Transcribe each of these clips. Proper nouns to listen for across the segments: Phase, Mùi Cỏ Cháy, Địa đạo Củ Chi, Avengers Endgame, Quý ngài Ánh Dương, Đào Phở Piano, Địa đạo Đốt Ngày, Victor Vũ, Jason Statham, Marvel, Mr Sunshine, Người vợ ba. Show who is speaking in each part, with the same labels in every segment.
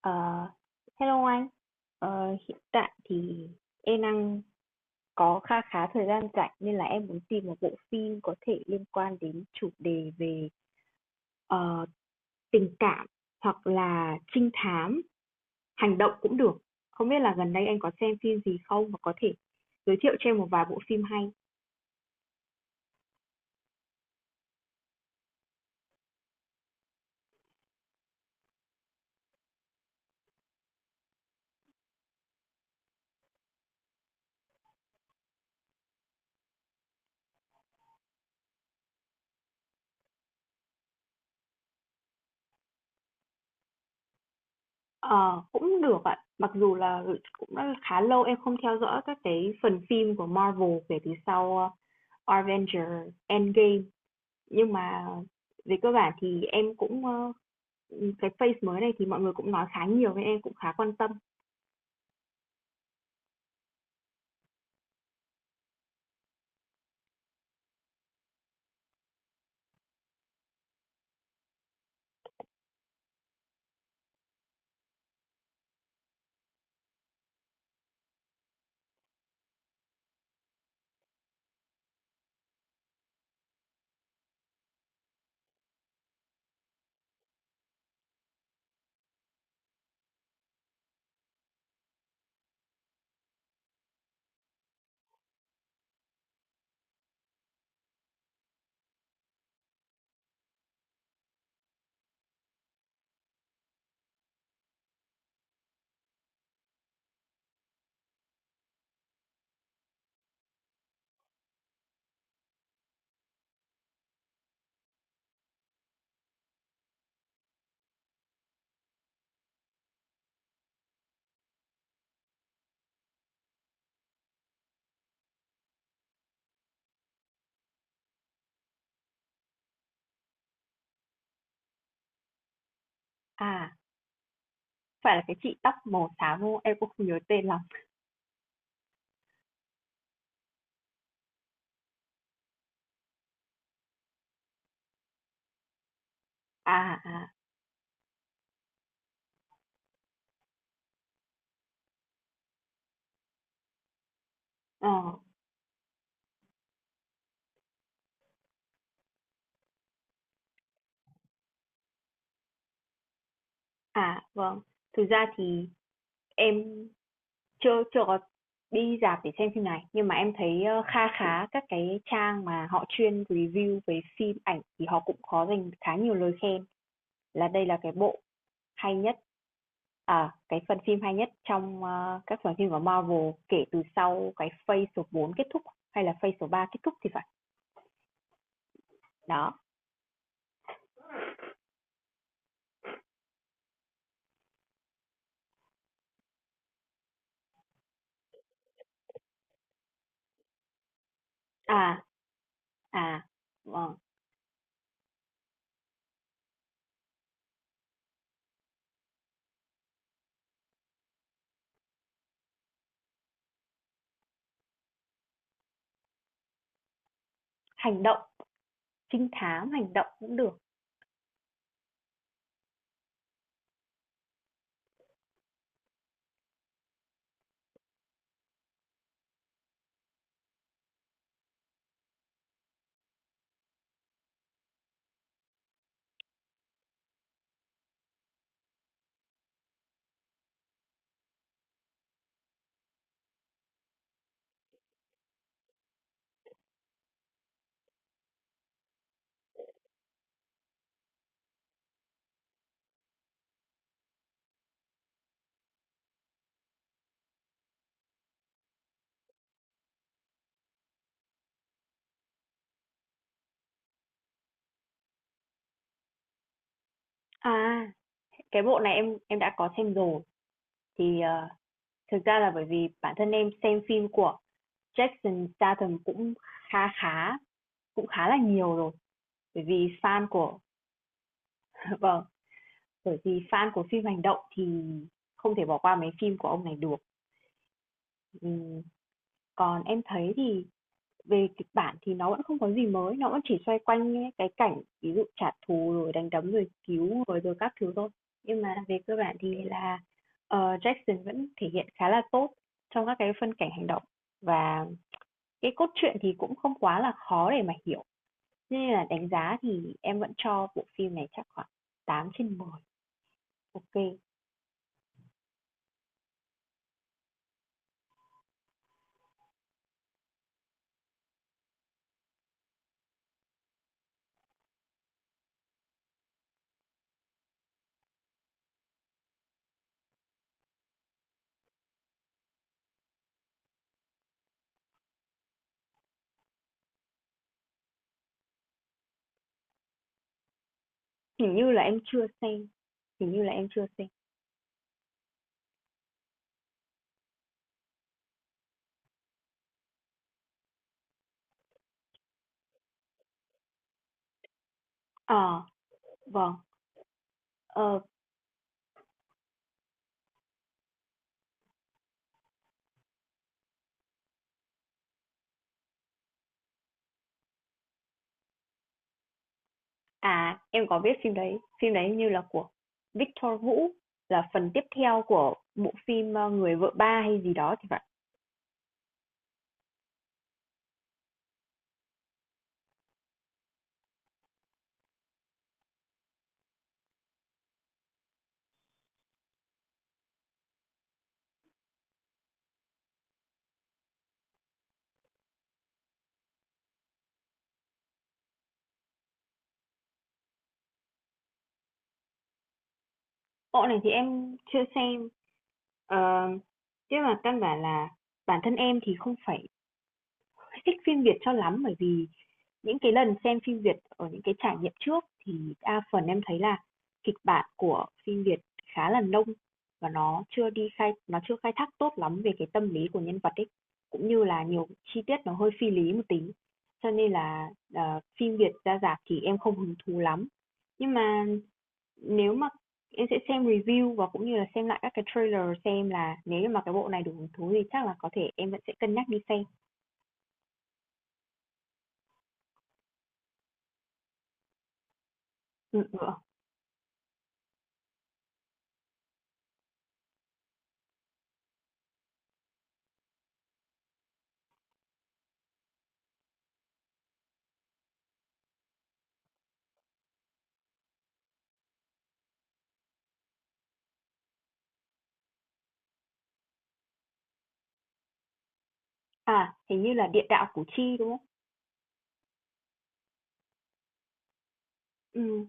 Speaker 1: Ờ, hello anh. Hiện tại thì em đang có kha khá thời gian rảnh nên là em muốn tìm một bộ phim có thể liên quan đến chủ đề về ờ, tình cảm hoặc là trinh thám, hành động cũng được. Không biết là gần đây anh có xem phim gì không và có thể giới thiệu cho em một vài bộ phim hay. Ờ, cũng được ạ. Mặc dù là cũng đã khá lâu em không theo dõi các cái phần phim của Marvel kể từ sau Avengers Endgame. Nhưng mà về cơ bản thì em cũng, cái face mới này thì mọi người cũng nói khá nhiều nên em cũng khá quan tâm. À, phải là cái chị tóc màu xám, đúng không? Em cũng không nhớ tên lắm. À, à, ờ, à, vâng. Thực ra thì em chưa chưa có đi rạp để xem phim này, nhưng mà em thấy, kha khá các cái trang mà họ chuyên review về phim ảnh thì họ cũng có dành khá nhiều lời khen là đây là cái bộ hay nhất. À, cái phần phim hay nhất trong, các phần phim của Marvel kể từ sau cái Phase số 4 kết thúc hay là Phase số 3 kết thúc thì phải. Đó. À, à, ờ, hành động, trinh thám hành động cũng được. À, cái bộ này em đã có xem rồi. Thì, thực ra là bởi vì bản thân em xem phim của Jason Statham cũng khá khá cũng khá là nhiều rồi, bởi vì fan của vâng. Bởi vì fan của phim hành động thì không thể bỏ qua mấy phim của ông này được. Ừm, còn em thấy thì về kịch bản thì nó vẫn không có gì mới, nó vẫn chỉ xoay quanh những cái cảnh ví dụ trả thù rồi đánh đấm rồi cứu rồi rồi các thứ thôi. Nhưng mà về cơ bản thì là ờ, Jackson vẫn thể hiện khá là tốt trong các cái phân cảnh hành động và cái cốt truyện thì cũng không quá là khó để mà hiểu. Thế nên là đánh giá thì em vẫn cho bộ phim này chắc khoảng 8/10. Ok. Hình như là em chưa xem, hình như là em chưa xem. Ờ, vâng. Ờ, em có biết phim đấy. Phim đấy hình như là của Victor Vũ, là phần tiếp theo của bộ phim Người vợ ba hay gì đó thì phải. Bộ này thì em chưa xem. Ờ, chứ mà căn bản là bản thân em thì không phải thích phim Việt cho lắm bởi vì những cái lần xem phim Việt ở những cái trải nghiệm trước thì đa phần em thấy là kịch bản của phim Việt khá là nông và nó chưa khai thác tốt lắm về cái tâm lý của nhân vật ấy cũng như là nhiều chi tiết nó hơi phi lý một tí cho nên là phim Việt ra rạp thì em không hứng thú lắm nhưng mà nếu mà em sẽ xem review và cũng như là xem lại các cái trailer xem là nếu như mà cái bộ này đủ hứng thú thì chắc là có thể em vẫn sẽ cân nhắc đi xem. Ừ, ừ. À, hình như là Địa đạo Củ Chi, đúng không? Ừ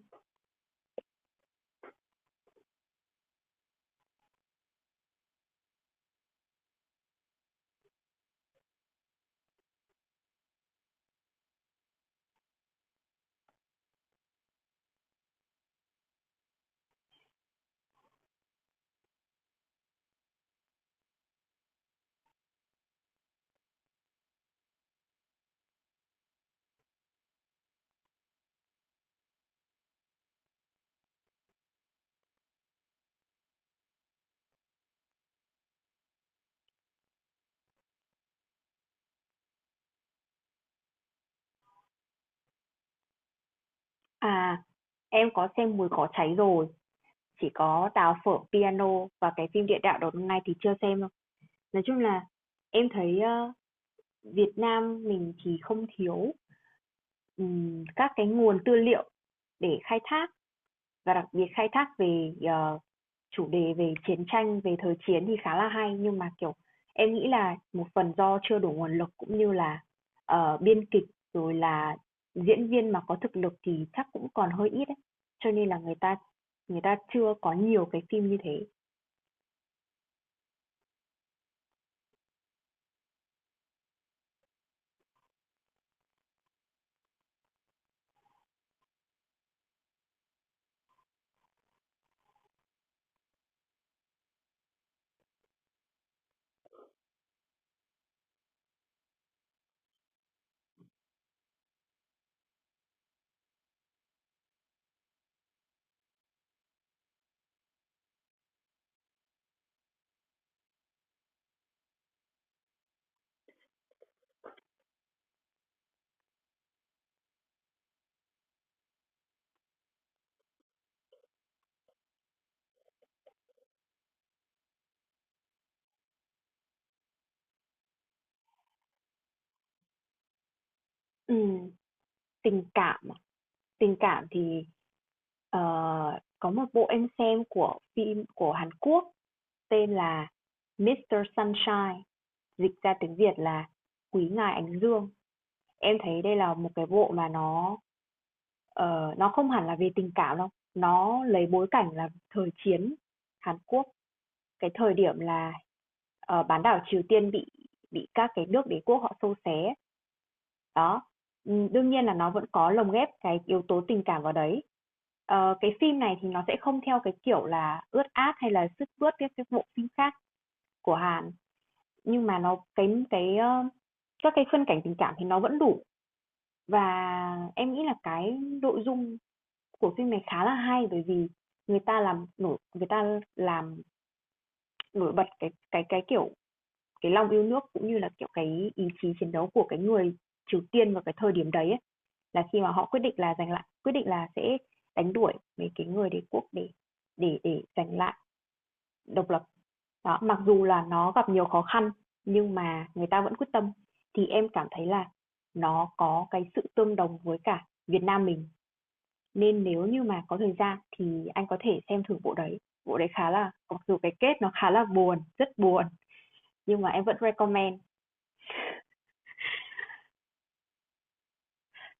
Speaker 1: à, em có xem Mùi Cỏ Cháy rồi, chỉ có Đào Phở Piano và cái phim Địa đạo Đốt Ngày thì chưa xem đâu. Nói chung là em thấy, Việt Nam mình thì không thiếu, các cái nguồn tư liệu để khai thác. Và đặc biệt khai thác về chủ đề về chiến tranh, về thời chiến thì khá là hay nhưng mà, kiểu, em nghĩ là một phần do chưa đủ nguồn lực cũng như là, ờ, biên kịch rồi là diễn viên mà có thực lực thì chắc cũng còn hơi ít ấy. Cho nên là người ta chưa có nhiều cái phim như thế. Ừm, tình cảm à? Tình cảm thì, ờ, có một bộ em xem của phim của Hàn Quốc. Tên là Mr Sunshine, dịch ra tiếng Việt là Quý ngài Ánh Dương. Em thấy đây là một cái bộ mà nó nó không hẳn là về tình cảm đâu, nó lấy bối cảnh là thời chiến Hàn Quốc, cái thời điểm là bán đảo Triều Tiên bị các cái nước đế quốc họ xô xé. Đó. Ừ, đương nhiên là nó vẫn có lồng ghép cái yếu tố tình cảm vào đấy. Ờ, cái phim này thì nó sẽ không theo cái kiểu là ướt át hay là sướt mướt các cái bộ phim khác của Hàn. Nhưng mà nó các cái phân cảnh tình cảm thì nó vẫn đủ. Và em nghĩ là cái nội dung của phim này khá là hay, bởi vì người ta làm nổi bật cái lòng yêu nước cũng như là, kiểu, cái ý chí chiến đấu của cái người Triều Tiên vào cái thời điểm đấy ấy, là khi mà họ quyết định là sẽ đánh đuổi mấy cái người đế quốc để giành lại độc lập. Đó, mặc dù là nó gặp nhiều khó khăn nhưng mà người ta vẫn quyết tâm thì em cảm thấy là nó có cái sự tương đồng với cả Việt Nam mình nên nếu như mà có thời gian thì anh có thể xem thử bộ đấy. Bộ đấy khá là mặc dù cái kết nó khá là buồn, rất buồn nhưng mà em vẫn recommend.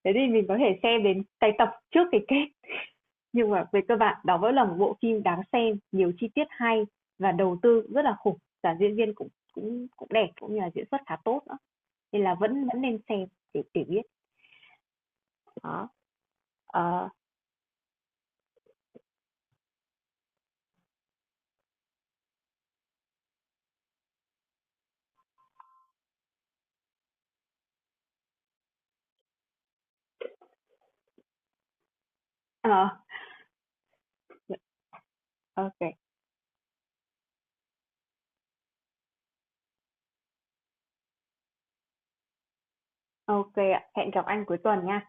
Speaker 1: Thế thì mình có thể xem đến cái tập trước cái kết nhưng mà về cơ bản đó vẫn là một bộ phim đáng xem, nhiều chi tiết hay và đầu tư rất là khủng, cả diễn viên cũng cũng cũng đẹp cũng như là diễn xuất khá tốt. Nên là vẫn vẫn nên xem để biết đó. ờ ờ ok. Ok ạ, hẹn gặp anh cuối tuần nha.